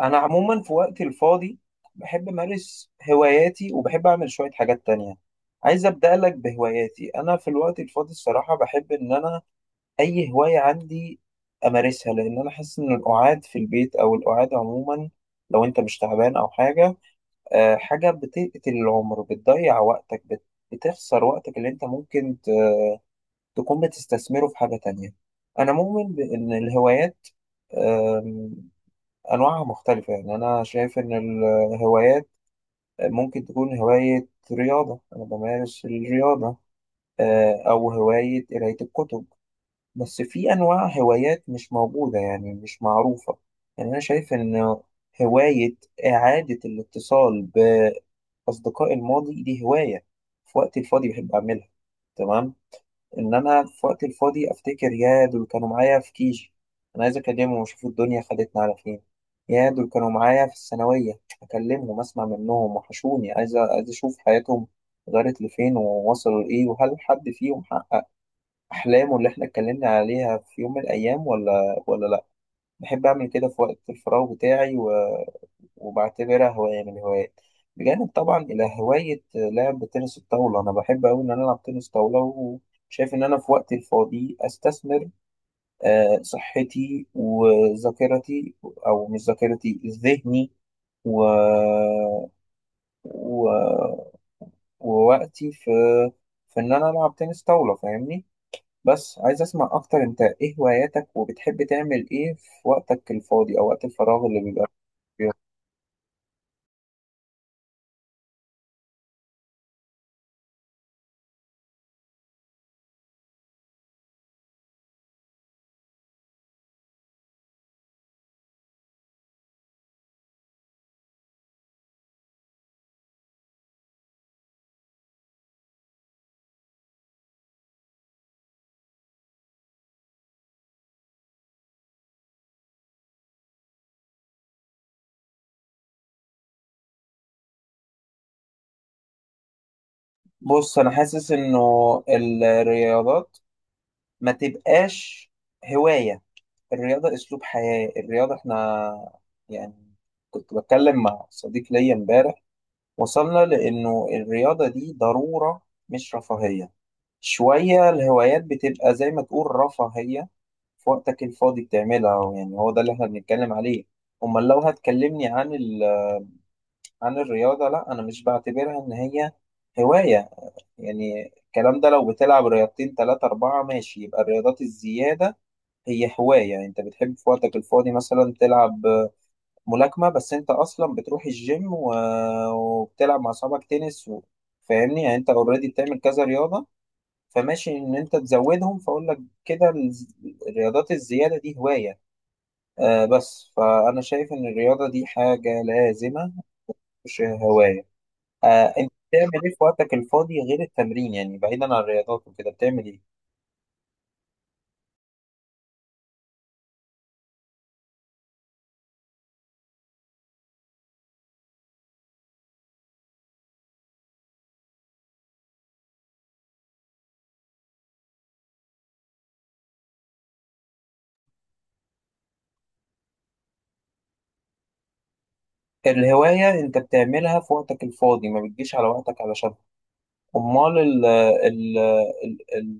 انا عموما في وقتي الفاضي بحب امارس هواياتي، وبحب اعمل شويه حاجات تانية. عايز ابدا لك بهواياتي. انا في الوقت الفاضي الصراحه بحب ان انا اي هوايه عندي امارسها، لان انا حاسس ان القعاد في البيت او القعاد عموما، لو انت مش تعبان او حاجه، حاجه بتقتل العمر، بتضيع وقتك، بتخسر وقتك اللي انت ممكن تكون بتستثمره في حاجه تانية. انا مؤمن بان الهوايات أنواعها مختلفة. يعني أنا شايف إن الهوايات ممكن تكون هواية رياضة. أنا بمارس الرياضة، أو هواية قراية الكتب، بس في أنواع هوايات مش موجودة يعني مش معروفة. يعني أنا شايف إن هواية إعادة الاتصال بأصدقاء الماضي دي هواية في وقتي الفاضي بحب أعملها. تمام، ان انا في وقت الفاضي افتكر يا دول كانوا معايا في كيجي، انا عايز اكلمهم واشوف الدنيا خدتنا على فين. يا دول كانوا معايا في الثانويه اكلمهم اسمع منهم، وحشوني، عايز اشوف حياتهم غيرت لفين، ووصلوا لايه، وهل حد فيهم حقق احلامه اللي احنا اتكلمنا عليها في يوم من الايام ولا لا. بحب اعمل كده في وقت الفراغ بتاعي، وبعتبرها هواية من الهوايات، بجانب طبعا إلى هواية لعب تنس الطاولة. أنا بحب أوي إن أنا ألعب تنس طاولة، وشايف إن أنا في وقتي الفاضي أستثمر صحتي وذاكرتي، أو مش ذاكرتي ذهني، و... و... ووقتي في إن أنا ألعب تنس طاولة، فاهمني؟ بس عايز أسمع أكتر، أنت إيه هواياتك، وبتحب تعمل إيه في وقتك الفاضي أو وقت الفراغ اللي بيبقى فيه؟ بص انا حاسس انه الرياضات ما تبقاش هواية. الرياضة اسلوب حياة. الرياضة احنا يعني كنت بتكلم مع صديق ليا امبارح، وصلنا لانه الرياضة دي ضرورة مش رفاهية. شوية الهوايات بتبقى زي ما تقول رفاهية، في وقتك الفاضي بتعملها، يعني هو ده اللي احنا بنتكلم عليه. امال لو هتكلمني عن عن الرياضة، لا انا مش بعتبرها ان هي هواية. يعني الكلام ده لو بتلعب رياضتين تلاتة أربعة ماشي، يبقى الرياضات الزيادة هي هواية. يعني أنت بتحب في وقتك الفاضي مثلا تلعب ملاكمة، بس أنت أصلا بتروح الجيم وبتلعب مع أصحابك تنس فاهمني؟ يعني أنت أوريدي بتعمل كذا رياضة، فماشي إن أنت تزودهم، فأقول لك كده الرياضات الزيادة دي هواية. آه بس فأنا شايف إن الرياضة دي حاجة لازمة، مش هواية. آه، أنت بتعمل إيه في وقتك الفاضي غير التمرين؟ يعني بعيدا عن الرياضات وكده بتعمل إيه؟ الهواية أنت بتعملها في وقتك الفاضي، ما بتجيش على وقتك علشان. أمال ال ال ال ال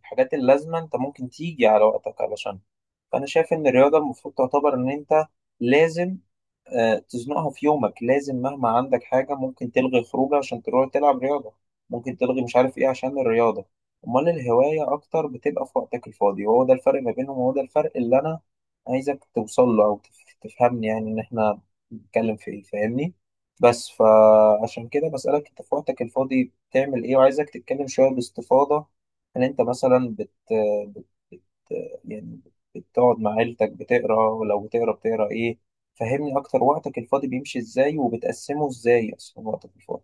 الحاجات اللازمة أنت ممكن تيجي على وقتك علشان. فأنا شايف إن الرياضة المفروض تعتبر إن أنت لازم تزنقها في يومك، لازم مهما عندك حاجة ممكن تلغي خروجة عشان تروح تلعب رياضة، ممكن تلغي مش عارف ايه عشان الرياضة. امال الهواية اكتر بتبقى في وقتك الفاضي، وهو ده الفرق ما بينهم، وهو ده الفرق اللي انا عايزك توصل له او تفهمني يعني ان احنا بنتكلم في ايه، فاهمني؟ بس فعشان كده بسألك، انت في وقتك الفاضي بتعمل ايه؟ وعايزك تتكلم شوية باستفاضة، ان انت مثلا بت... بت... يعني بتقعد مع عيلتك بتقرا، ولو بتقرا بتقرا ايه؟ فهمني أكتر، وقتك الفاضي بيمشي إزاي، وبتقسمه إزاي أصلا وقتك الفاضي؟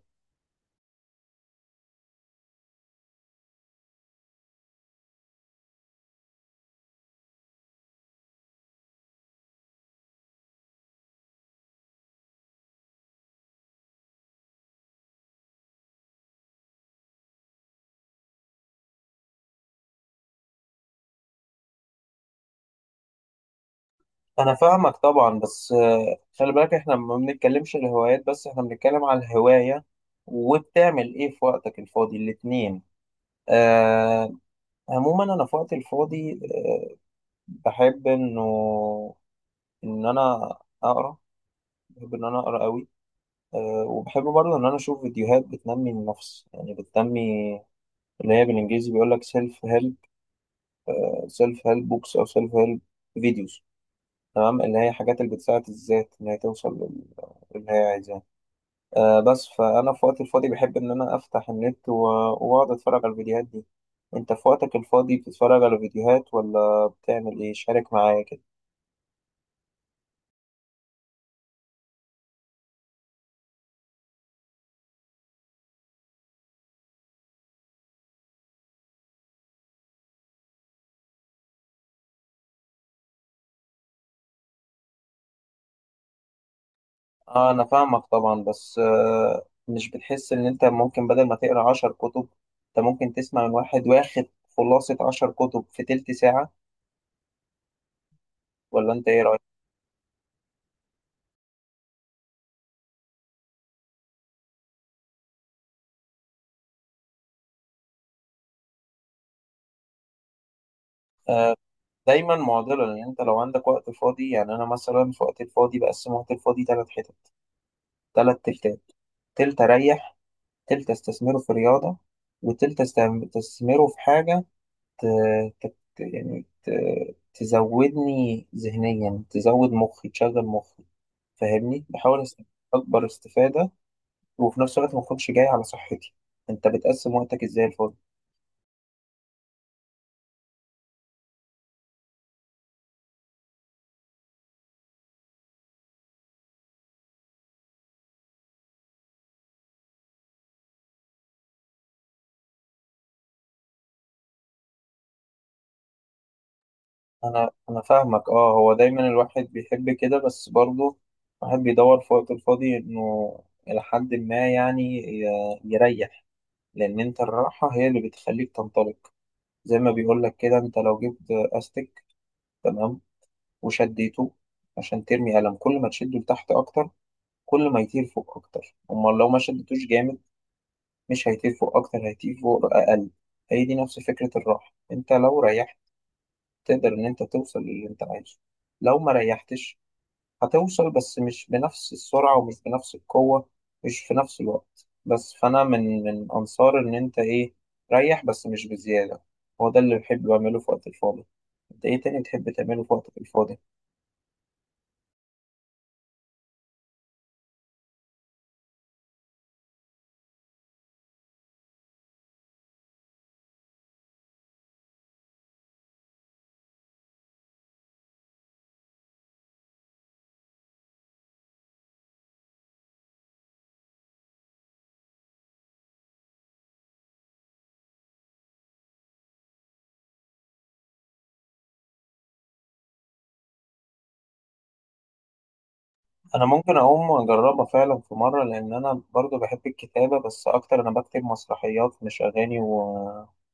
أنا فاهمك طبعا، بس خلي بالك إحنا ما بنتكلمش الهوايات بس، إحنا بنتكلم على الهواية وبتعمل إيه في وقتك الفاضي، الاتنين. آه، عموما أنا في وقتي الفاضي بحب إن أنا أقرأ. بحب إن أنا أقرأ أوي. آه، وبحب برضه إن أنا أشوف فيديوهات بتنمي النفس، يعني بتنمي، اللي هي بالإنجليزي بيقول لك سيلف هيلب. سيلف هيلب بوكس أو سيلف هيلب فيديوز، تمام. اللي هي حاجات اللي بتساعد الذات إن هي توصل اللي هي عايزاه. آه بس فأنا في وقت الفاضي بحب إن أنا أفتح النت وأقعد أتفرج على الفيديوهات دي. أنت في وقتك الفاضي بتتفرج على فيديوهات ولا بتعمل إيه؟ شارك معايا كده. آه، أنا فاهمك طبعا، بس مش بتحس إن أنت ممكن بدل ما تقرأ عشر كتب، أنت ممكن تسمع من واحد واخد خلاصة عشر كتب في تلت ساعة؟ ولا أنت إيه رأيك؟ دايما معضلة، لأن أنت لو عندك وقت فاضي، يعني أنا مثلا في وقت الفاضي بقسم وقت الفاضي تلات حتت، تلات تلتات. تلت أريح، تلت أستثمره في رياضة، وتلت أستثمره في حاجة ت... ت... يعني ت... تزودني ذهنيا، تزود مخي، تشغل مخي، فاهمني؟ بحاول أكبر استفادة. وفي نفس الوقت ما أكونش جاي على صحتي. أنت بتقسم وقتك إزاي الفل؟ أنا فاهمك. أه، هو دايما الواحد بيحب كده، بس برضه الواحد بيدور في وقته الفاضي إنه إلى حد ما يعني يريح. لان انت الراحه هي اللي بتخليك تنطلق. زي ما بيقول لك كده، انت لو جبت استك، تمام، وشديته عشان ترمي قلم، كل ما تشده لتحت اكتر، كل ما يطير فوق اكتر. امال لو ما شدتوش جامد، مش هيطير فوق اكتر، هيطير فوق اقل. هي دي نفس فكره الراحه، انت لو ريحت تقدر ان انت توصل للي انت عايزه. لو ما ريحتش، هتوصل بس مش بنفس السرعة، ومش بنفس القوة، مش في نفس الوقت. بس فأنا من أنصار إن أنت إيه، ريح بس مش بزيادة. هو ده اللي بحب أعمله في وقت الفاضي. أنت إيه تاني تحب تعمله في وقتك الفاضي؟ أنا ممكن أقوم أجربها فعلا في مرة، لأن أنا برضو بحب الكتابة، بس أكتر أنا بكتب مسرحيات، مش أغاني، ومش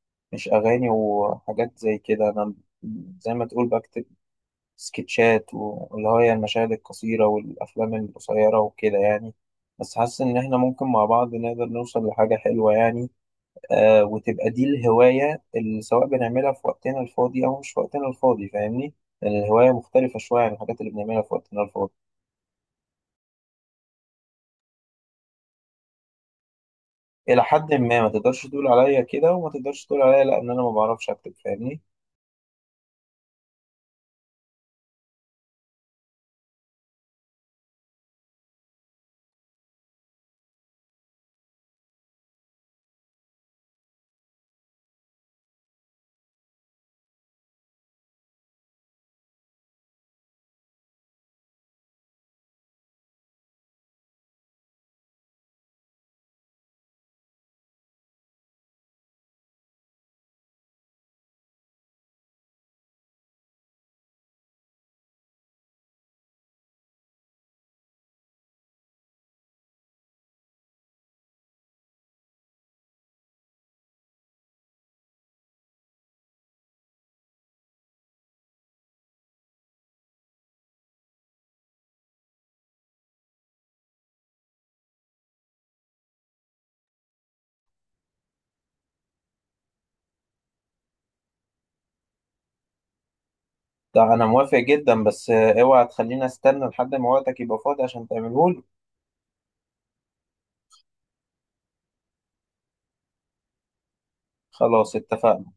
أغاني وحاجات زي كده. أنا زي ما تقول بكتب سكتشات، واللي هي المشاهد القصيرة والأفلام القصيرة وكده، يعني. بس حاسس إن إحنا ممكن مع بعض نقدر نوصل لحاجة حلوة يعني. آه، وتبقى دي الهواية اللي سواء بنعملها في وقتنا الفاضي أو مش في وقتنا الفاضي، فاهمني؟ يعني الهواية مختلفة شوية عن الحاجات اللي بنعملها في وقتنا الفاضي. إلى حد ما، ما تقدرش تقول عليا كده، وما تقدرش تقول عليا لأ إن أنا ما بعرفش أكتب، فاهمني؟ ده أنا موافق جدا، بس أوعى تخليني أستنى لحد ما وقتك يبقى فاضي عشان تعملهولي. خلاص اتفقنا.